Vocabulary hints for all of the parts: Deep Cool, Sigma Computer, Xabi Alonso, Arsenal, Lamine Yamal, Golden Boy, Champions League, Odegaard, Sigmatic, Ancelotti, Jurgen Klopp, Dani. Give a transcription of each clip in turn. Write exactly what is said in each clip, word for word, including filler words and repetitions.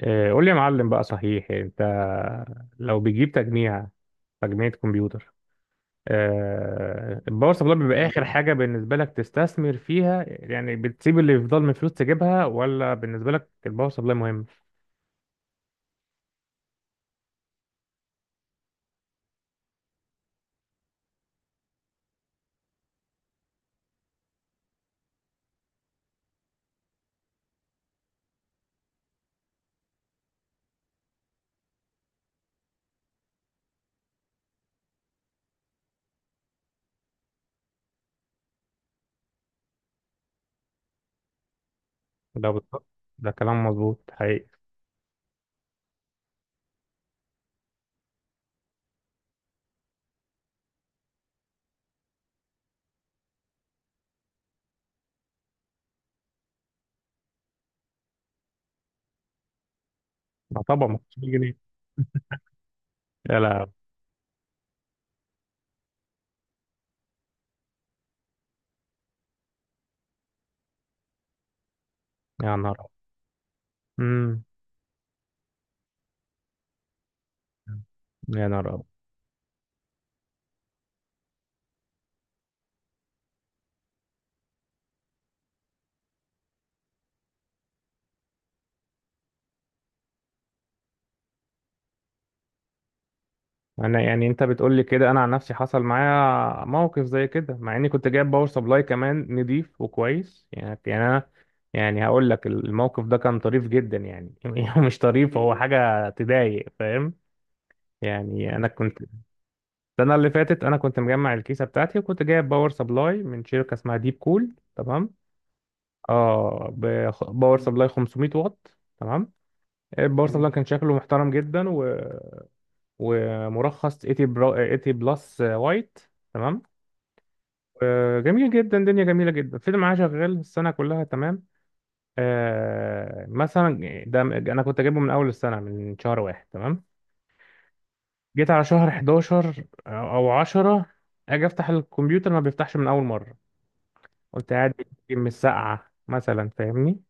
آه، قول لي يا معلم بقى، صحيح انت لو بتجيب تجميع تجميع كمبيوتر؟ آه، الباور سبلاي بيبقى اخر حاجه بالنسبه لك تستثمر فيها؟ يعني بتسيب اللي يفضل من فلوس تجيبها، ولا بالنسبه لك الباور سبلاي مهم؟ ده بالظبط. ده كلام مظبوط حقيقي. ما طبعا ما فيش جنيه. لا، لا. يا نهار أبيض. امم. يا نهار أبيض. انا، يعني انت بتقول لي كده، انا عن نفسي حصل معايا موقف زي كده، مع اني كنت جايب باور سبلاي كمان نضيف وكويس يعني. يعني انا، يعني هقول لك، الموقف ده كان طريف جدا يعني مش طريف، هو حاجه تضايق، فاهم؟ يعني انا كنت، السنه اللي فاتت انا كنت مجمع الكيسه بتاعتي، وكنت جايب باور سبلاي من شركه اسمها ديب كول. تمام. اه، بخ- باور سبلاي 500 واط. تمام. الباور سبلاي كان شكله محترم جدا، و... ومرخص تمانين برا... تمانين بلس وايت. تمام. آه، جميل جدا، دنيا جميلة جدا، الفيلم معاه شغال السنة كلها. تمام. آه مثلا ده أنا كنت أجيبه من أول السنة، من شهر واحد. تمام. جيت على شهر حداشر أو عشرة، أجي أفتح الكمبيوتر ما بيفتحش من أول مرة. قلت قاعد يمكن من الساعة مثلا، فاهمني؟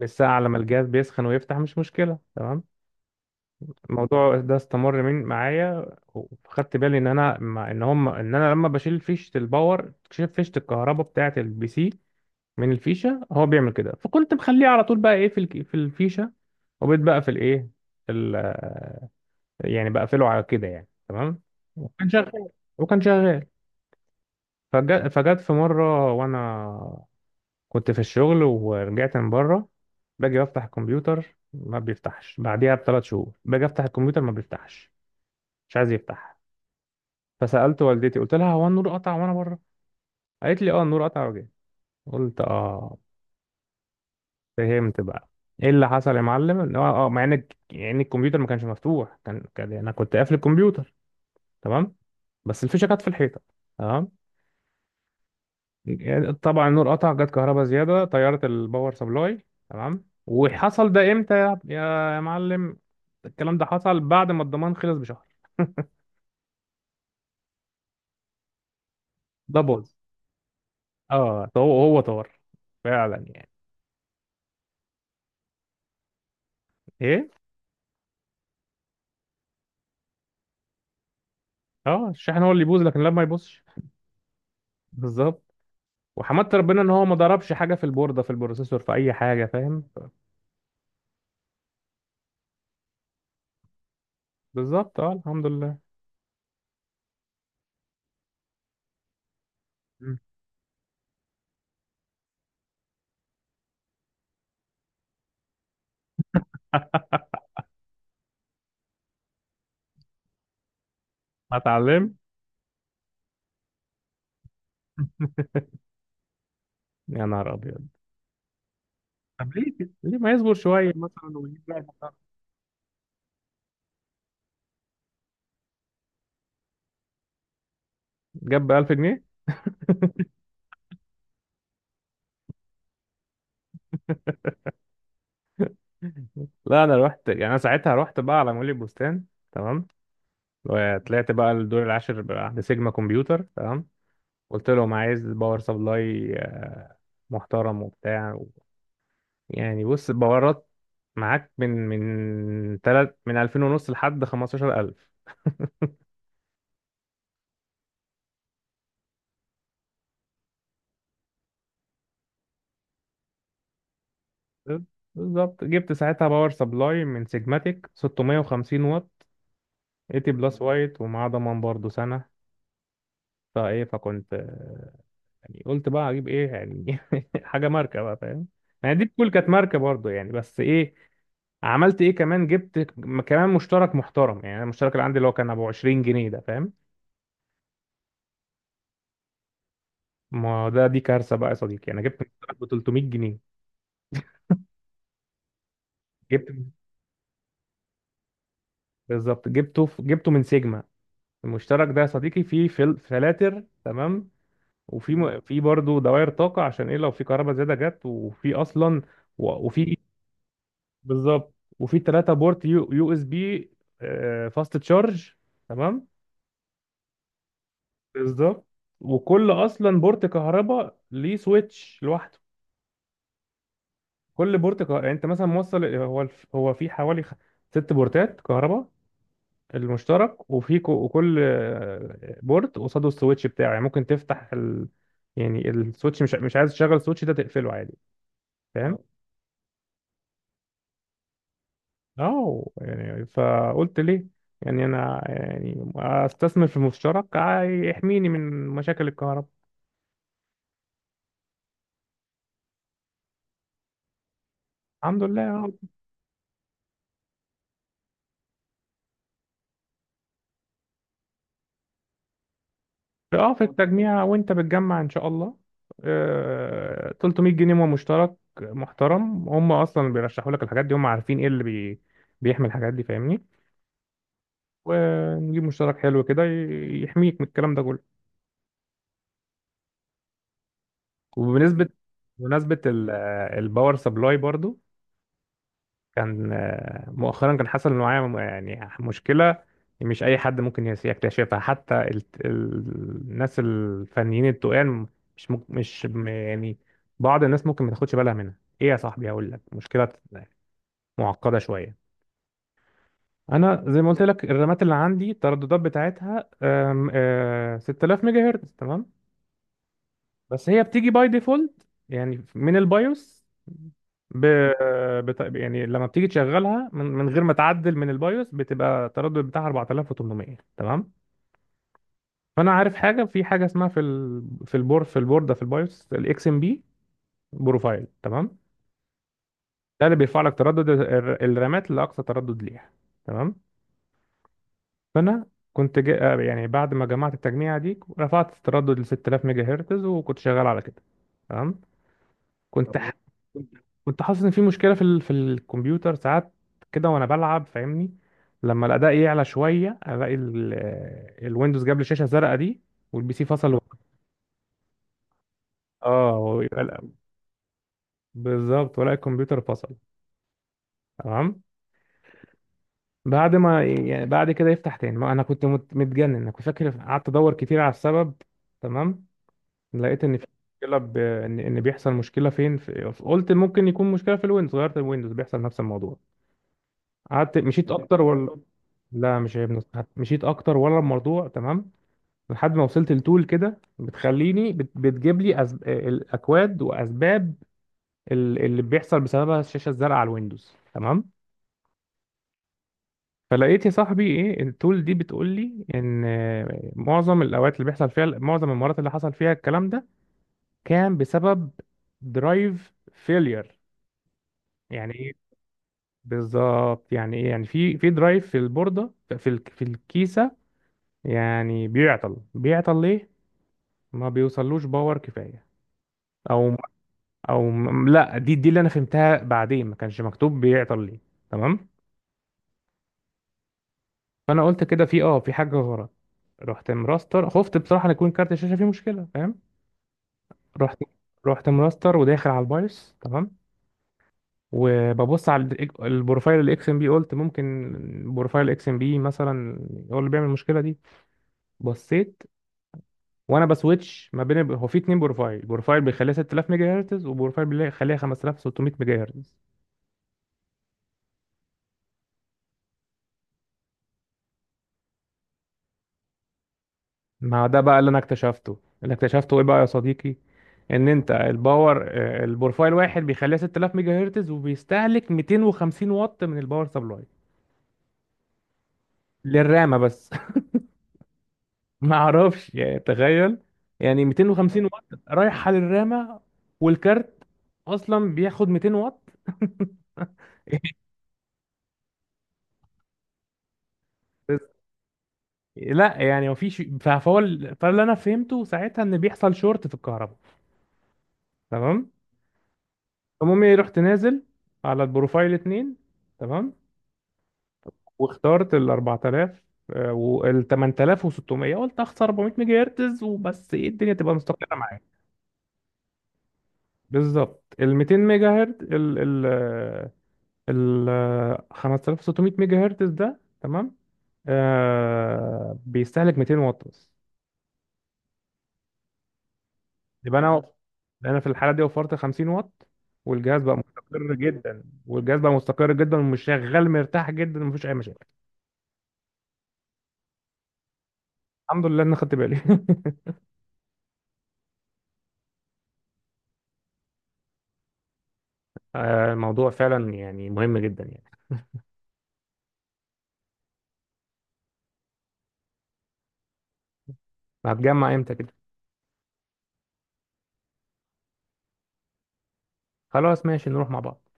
من الساعة لما الجهاز بيسخن ويفتح، مش مشكلة. تمام. الموضوع ده استمر من معايا، وخدت بالي ان انا ما- ان هم ان انا لما بشيل فيشه الباور، شيل فيشه الكهرباء بتاعه البي سي من الفيشه، هو بيعمل كده. فكنت مخليه على طول بقى، ايه، في الك- في الفيشه. وبقيت بقى في الايه، ال- يعني بقفله على كده يعني. تمام. وكان شغال، وكان شغال. فج- فجت في مره، وانا كنت في الشغل ورجعت من بره، باجي بفتح الكمبيوتر ما بيفتحش، بعديها بثلاث شهور باجي افتح الكمبيوتر ما بيفتحش، مش عايز يفتح. فسالت والدتي، قلت لها هو النور قطع وانا بره؟ قالت لي اه، النور قطع وجاي. قلت اه، فهمت بقى. ايه اللي حصل يا معلم؟ ان هو، اه مع ان يعني الكمبيوتر ما كانش مفتوح، كان كان انا كنت قافل الكمبيوتر. تمام. بس الفيشه كانت في الحيطه. تمام. يعني طبعا النور قطع، جت كهرباء زياده طيرت الباور سبلاي. تمام. وحصل ده امتى يا يا معلم؟ الكلام ده حصل بعد ما الضمان خلص بشهر. ده باظ. اه، هو هو طار فعلا يعني. ايه، اه الشحن هو اللي يبوظ، لكن لا، ما يبوظش. بالظبط. وحمدت ربنا ان هو ما ضربش حاجه في البورده، في البروسيسور، في اي حاجه، فاهم؟ بالظبط، اه، الحمد لله. مم. ما اتعلم. يا نهار ابيض. طب ليه كده؟ ليه ما يصبر شويه مثلا ويجيب واحد محترم؟ جاب ب ألف جنيه. لا، انا رحت، يعني انا ساعتها رحت بقى على مول البستان. تمام. وطلعت بقى الدور العاشر بقى عند سيجما كمبيوتر. تمام. قلت لهم عايز باور سبلاي آه، محترم وبتاع. و... يعني بص، باورات معاك من من تلت، من الفين ونص لحد خمسة عشر ألف. بالظبط، جبت ساعتها باور سبلاي من سيجماتيك ست مئة وخمسين واط، تمانين بلس وايت، ومعاه ضمان برضه سنة. فايه، فكنت آه، يعني قلت بقى اجيب ايه، يعني حاجة ماركة بقى، فاهم؟ يعني دي كول كانت ماركة برضه يعني، بس ايه. عملت ايه كمان، جبت ك- كمان مشترك محترم. يعني المشترك اللي عندي اللي هو كان ابو عشرين جنيه ده، فاهم؟ ما ده دي كارثة بقى يا صديقي، انا جبت مشترك ب تلتمية جنيه. جبت بالظبط، جبته جبته من سيجما. المشترك ده يا صديقي فيه فل... فلاتر. تمام. وفي م... في برضه دوائر طاقة، عشان ايه، لو في كهرباء زيادة جت، وفي اصلا و... وفي. بالظبط. وفي تلاته بورت يو, يو اس بي، فاست تشارج. تمام. بالظبط. وكل اصلا بورت كهرباء ليه سويتش لوحده. كل بورت كهرباء يعني انت مثلا موصل، هو الف- هو في حوالي خ- ست بورتات كهرباء المشترك. وفي ك- وكل آه، بورت قصاده السويتش بتاعه. يعني ممكن تفتح ال... يعني السويتش، مش مش عايز تشغل السويتش ده تقفله عادي، فاهم؟ اه، يعني فقلت ليه، يعني انا يعني استثمر في مشترك آه، يحميني من مشاكل الكهرباء. الحمد لله، اه. آه، في التجميع وانت بتجمع ان شاء الله، آه، تلتمية جنيه مشترك محترم. هم اصلا اللي بيرشحوا لك الحاجات دي هم عارفين ايه اللي بي بيحمي الحاجات دي، فاهمني؟ ونجيب مشترك حلو كده ي- يحميك من الكلام ده كله. وبنسبة بمناسبة ال- آه، الباور سبلاي برضو، كان آه، مؤخرا كان حصل معايا م- يعني مشكلة مش أي حد ممكن يس- يكتشفها، حتى ال- ال- الناس الفنيين التقال، مش مك- مش م- يعني بعض الناس ممكن ما تاخدش بالها منها. إيه يا صاحبي، هقول لك مشكلة معقدة شوية. أنا زي ما قلت لك، الرامات اللي عندي الترددات بتاعتها آم، آه، ست آلاف ميجا هرتز. تمام. بس هي بتيجي باي ديفولت يعني من البايوس ب... بت... يعني لما بتيجي تشغلها من... من غير ما تعدل من البايوس، بتبقى التردد بتاعها أربعة آلاف وتمنمية. تمام. فانا عارف حاجه، في حاجه اسمها في ال... في البور في البورده في البايوس، الاكس ام بي بروفايل. تمام. ده اللي بيرفع لك تردد الر- الرامات لاقصى تردد ليها. تمام. فانا كنت جا... آه، يعني بعد ما جمعت التجميعه دي رفعت التردد ل ستة آلاف ميجا هرتز، وكنت شغال على كده. تمام. كنت طب ح- كنت كنت حاسس ان في مشكله في ال... في الكمبيوتر ساعات كده وانا بلعب، فاهمني؟ لما الاداء يعلى شويه، الاقي ال... الويندوز جاب لي شاشه زرقاء دي، والبي سي فصل. و... اه، ويبقى لا- بالظبط، ولا الكمبيوتر فصل. تمام. بعد ما يعني بعد كده يفتح تاني. ما انا كنت مت- متجنن. انا كنت فاكر، قعدت ادور كتير على السبب. تمام. لقيت ان في مشكله ب... ان إن بيحصل مشكله فين في... قلت ممكن يكون مشكله في الويندوز، غيرت الويندوز بيحصل نفس الموضوع. قعدت مشيت اكتر، ولا لا، مش عيب نص. مشيت اكتر، ولا الموضوع تمام. لحد ما وصلت لتول كده بتخليني بت... بتجيب لي أز... الاكواد واسباب ال- اللي بيحصل بسببها الشاشه الزرقاء على الويندوز. تمام. فلقيت يا صاحبي ايه، التول دي بتقول لي ان معظم الاوقات اللي بيحصل فيها، معظم المرات اللي حصل فيها الكلام ده، كان بسبب درايف فيلير. يعني ايه بالظبط، يعني ايه، يعني في في درايف في البورده في ال- في الكيسه، يعني بيعطل. بيعطل ليه؟ ما بيوصلوش باور كفاية، او او م- لا، دي دي اللي انا فهمتها بعدين، ما كانش مكتوب بيعطل ليه. تمام. فانا قلت كده في اه في حاجة غلط. رحت مراستر، خفت بصراحة ان يكون كارت الشاشة فيه مشكلة، فاهم؟ رحت رحت مراستر وداخل على البايوس. تمام. وببص على الإك- البروفايل الاكس ام بي. قلت ممكن بروفايل اكس ام بي مثلا هو اللي بيعمل المشكلة دي. بصيت وانا بسويتش ما بين الب- هو في اتنين بروفايل، بروفايل بيخليها ست آلاف ميجا هرتز وبروفايل بيخليها خمسة آلاف وستمية ميجا هرتز. ما ده بقى اللي انا اكتشفته. اللي اكتشفته ايه بقى يا صديقي؟ ان انت، الباور آه، البروفايل واحد بيخليها ست آلاف ميجا هرتز وبيستهلك ميتين وخمسين واط من الباور سبلاي، للرامه بس. ما اعرفش، يعني تخيل، يعني ميتين وخمسين واط رايحه للرامه، والكارت اصلا بياخد ميتين واط. لا، يعني مفيش. فهو ال- فاللي انا فهمته ساعتها ان بيحصل شورت في الكهرباء. تمام. المهم إيه، رحت نازل على البروفايل اتنين. تمام. واخترت ال أربعة آلاف وال تمنية آلاف وستمية، قلت اخسر اربعمية ميجا هرتز وبس، ايه، الدنيا تبقى مستقره معايا. بالظبط، ال ميتين ميجا هرتز، ال ال ال آه، خمسة آلاف وستمية ميجا هرتز ده. تمام. آه بيستهلك ميتين واط بس. يبقى انا انا في الحاله دي وفرت خمسين واط، والجهاز بقى مستقر جدا، والجهاز بقى مستقر جدا ومش شغال مرتاح جدا، ومفيش اي مشاكل. الحمد لله ان خدت بالي. آه، الموضوع فعلا يعني مهم جدا يعني. هتجمع امتى كده؟ خلاص ماشي، نروح مع بعض.